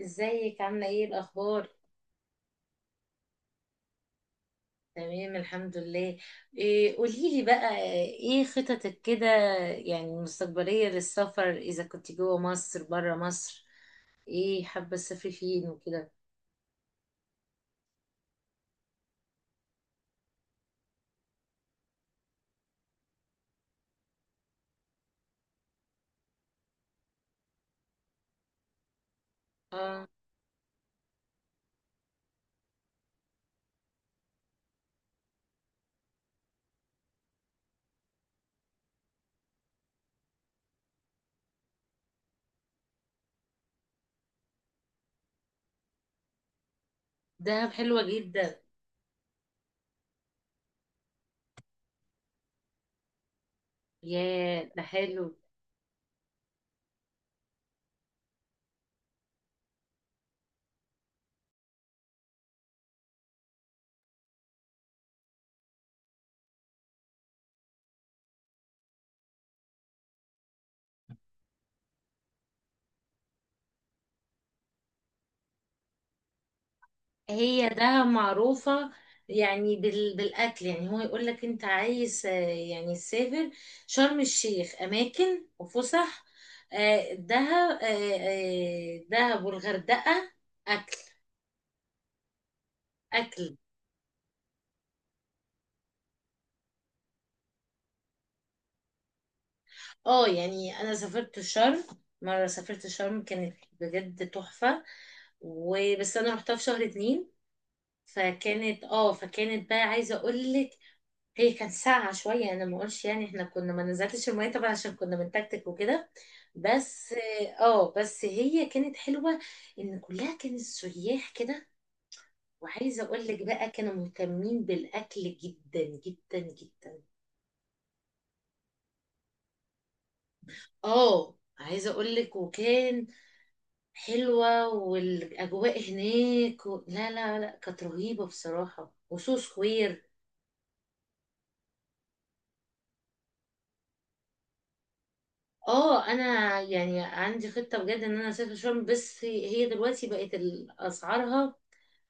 ازيك عاملة ايه الأخبار؟ تمام الحمد لله. إيه قوليلي بقى؟ ايه خططك كده، يعني المستقبلية للسفر، إذا كنت جوه مصر برا مصر؟ ايه حابة تسافري فين وكده؟ اه. دهب حلوة جدا. ياه، ده حلو. هي ده معروفة. يعني بالأكل، يعني هو يقول لك أنت عايز، يعني تسافر شرم الشيخ أماكن وفسح. دهب، دهب والغردقة. أكل. أكل. اه، يعني أنا سافرت شرم. مرة سافرت شرم كانت بجد تحفة، وبس أنا رحتها في شهر اتنين. فكانت بقى عايزة أقولك، هي كانت ساقعة شوية. أنا ما أقولش، يعني إحنا كنا ما نزلتش المية طبعا عشان كنا بنتكتك وكده. بس بس هي كانت حلوة، إن كلها كانت سياح كده. وعايزة أقول لك بقى، كانوا مهتمين بالأكل جدا جدا جدا. عايزة أقول لك، وكان حلوة والأجواء هناك و... لا لا لا، كانت رهيبة بصراحة، وسو سكوير. اه، انا يعني عندي خطه بجد ان انا اسافر شرم، بس هي دلوقتي بقت اسعارها،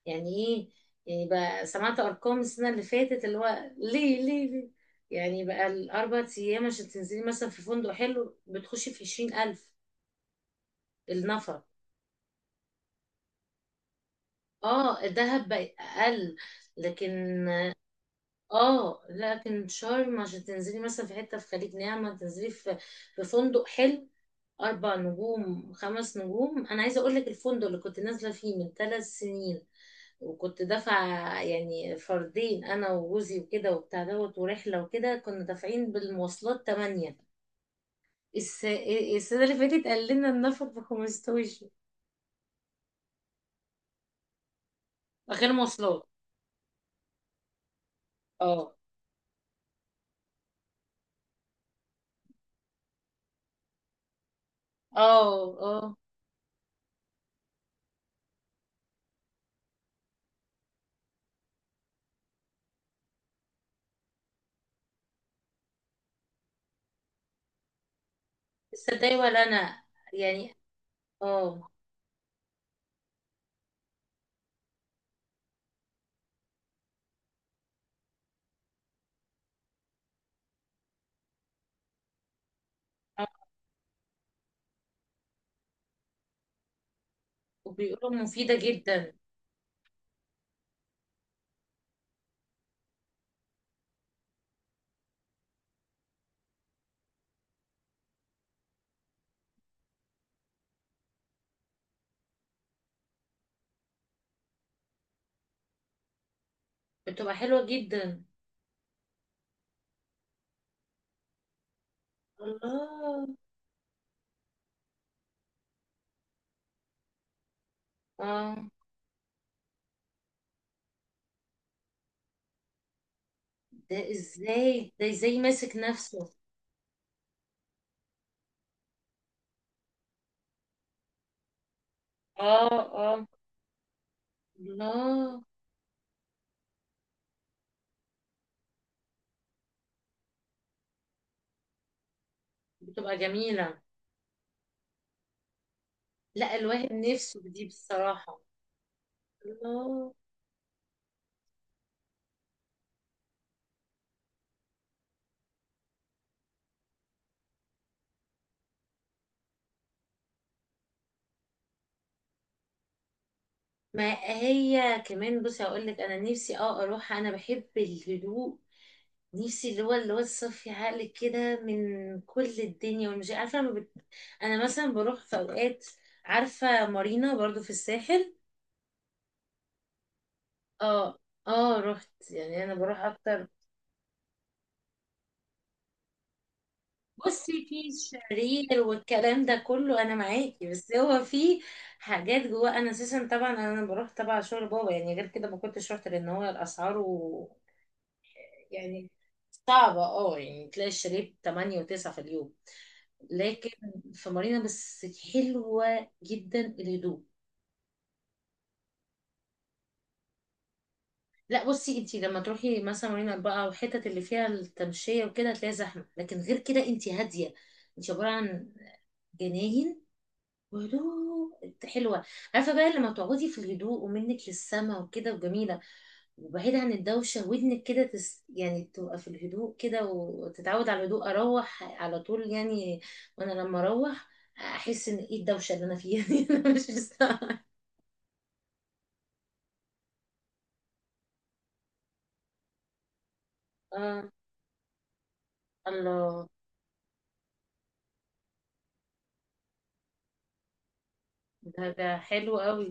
يعني ايه؟ يعني بقى سمعت ارقام السنه اللي فاتت، اللي هو ليه ليه ليه، يعني بقى الاربع ايام عشان تنزلي مثلا في فندق حلو بتخشي في 20 الف النفر. اه، الدهب بقى اقل، لكن اه، لكن شرم عشان تنزلي مثلا في حته في خليج نعمه، تنزلي في فندق حلو، اربع نجوم خمس نجوم. انا عايزه اقول لك الفندق اللي كنت نازله فيه من 3 سنين، وكنت دافعة، يعني فردين أنا وجوزي وكده وبتاع دوت ورحلة وكده، كنا دافعين بالمواصلات 8. الس... السنة اللي فاتت قال لنا النفر ب15 غير مواصلات. اه اه اه، تصدقي ولا أنا، يعني اه آه. وبيقولوا مفيدة جدا. بتبقى حلوة جدا. الله. اه ده ازاي، ده ازاي ماسك نفسه؟ اه اه. الله. بتبقى جميلة. لا، الواحد نفسه في دي بصراحة. الله. ما هي كمان، بصي هقول لك انا نفسي اروح، انا بحب الهدوء. نفسي اللي هو الصفي عقل كده من كل الدنيا، والمش عارفة ما بت... انا مثلا بروح في اوقات، عارفة مارينا برضو في الساحل. اه. اه، رحت، يعني انا بروح اكتر. بصي، في الشرير والكلام ده كله انا معاكي، بس هو في حاجات جواه. انا اساسا طبعا انا بروح تبع شغل بابا، يعني غير كده ما كنتش رحت، لان هو الاسعار و... يعني صعبة. اه، يعني تلاقي الشرير 8 و9 في اليوم، لكن في مارينا بس، حلوة جدا الهدوء. لا بصي، انتي لما تروحي مثلا مارينا بقى، والحتت اللي فيها التمشية وكده هتلاقي زحمة، لكن غير كده انتي هادية، انتي عبارة عن جناين. ولو انت حلوه، عارفه بقى لما تقعدي في الهدوء، ومنك للسما وكده، وجميله، وبعيد عن الدوشه ودنك كده يعني تبقى في الهدوء كده، وتتعود على الهدوء، اروح على طول يعني. وانا لما اروح، احس ان ايه الدوشه اللي انا فيها دي انا مش مستاهله. اه. الله. ده حلو قوي.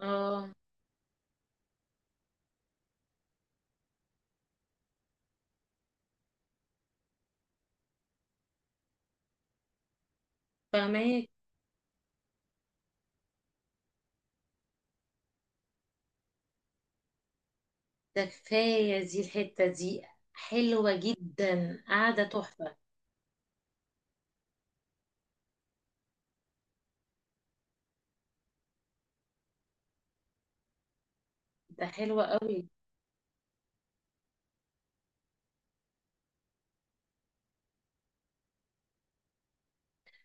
اه، فاهمك. ده كفايه، دي الحته دي حلوه جدا، قاعده تحفه. ده حلوه قوي.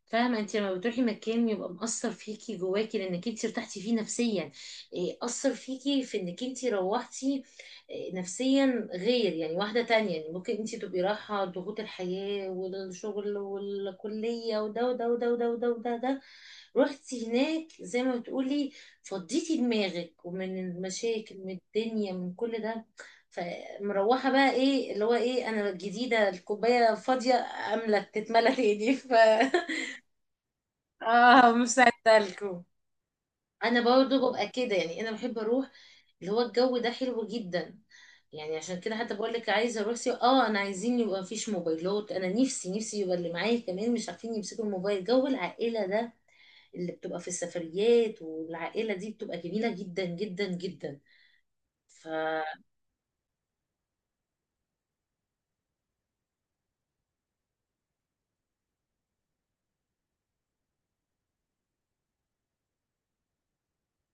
فاهمة، انت لما بتروحي مكان يبقى مأثر فيكي جواكي، لانك انت ارتحتي فيه نفسيا. إيه، أثر فيكي في انك انت روحتي، إيه، نفسيا غير يعني واحدة تانية، يعني ممكن انت تبقي رايحة ضغوط الحياة والشغل والكلية وده وده وده وده وده وده ده، رحتي هناك زي ما بتقولي، فضيتي دماغك ومن المشاكل، من الدنيا، من كل ده. فمروحة بقى، ايه اللي هو، ايه، انا الجديدة الكوباية فاضية، املت تتملى تاني ف اه، مساعدة لكم. انا برضو ببقى كده، يعني انا بحب اروح، اللي هو الجو ده حلو جدا. يعني عشان كده حتى بقول لك، عايزه اروح سيوة. اه انا عايزين يبقى مفيش موبايلات، انا نفسي نفسي يبقى اللي معايا كمان مش عارفين يمسكوا الموبايل، جو العائله ده اللي بتبقى في السفريات والعائله دي بتبقى جميله جدا جدا جدا.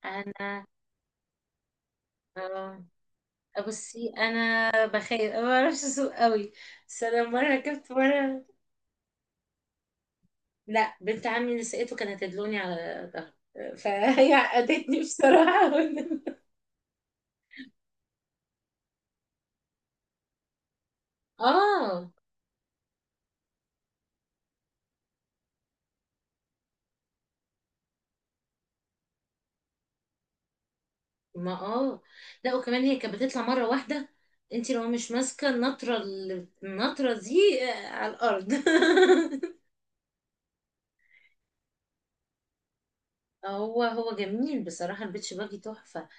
فانا اه بصي، انا بخير، أنا ما بعرفش اسوق قوي، بس انا مره ركبت مره. لا، بنت عمي نسيته، كانت تدلوني على ظهري فهي عقدتني بصراحة اه. ما اه لا، وكمان هي كانت بتطلع مرة واحدة، انت لو مش ماسكة النطرة النطرة دي على الأرض هو جميل بصراحة، البيتش باجي تحفة.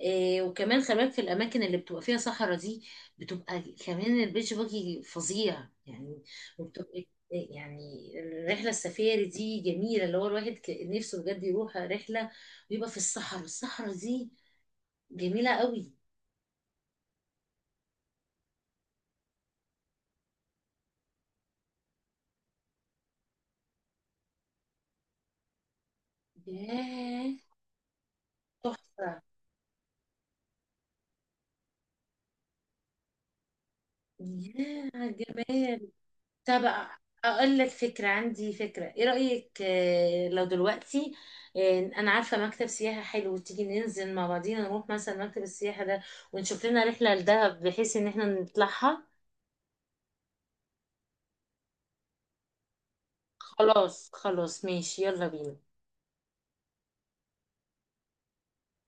إيه، وكمان خلي بالك في الأماكن اللي بتبقى فيها صحراء دي، بتبقى كمان البيتش باجي فظيع يعني، وبتبقى إيه يعني. الرحلة السفاري دي جميلة، اللي هو الواحد نفسه بجد يروح رحلة ويبقى في الصحراء دي جميلة قوي. ياه، تحفة. ياه على الجمال. طب، اقول لك فكرة، عندي فكرة، ايه رأيك لو دلوقتي انا عارفة مكتب سياحة حلو، تيجي ننزل مع بعضينا، نروح مثلا مكتب السياحة ده، ونشوف لنا رحلة لدهب بحيث ان احنا نطلعها. خلاص خلاص ماشي، يلا بينا.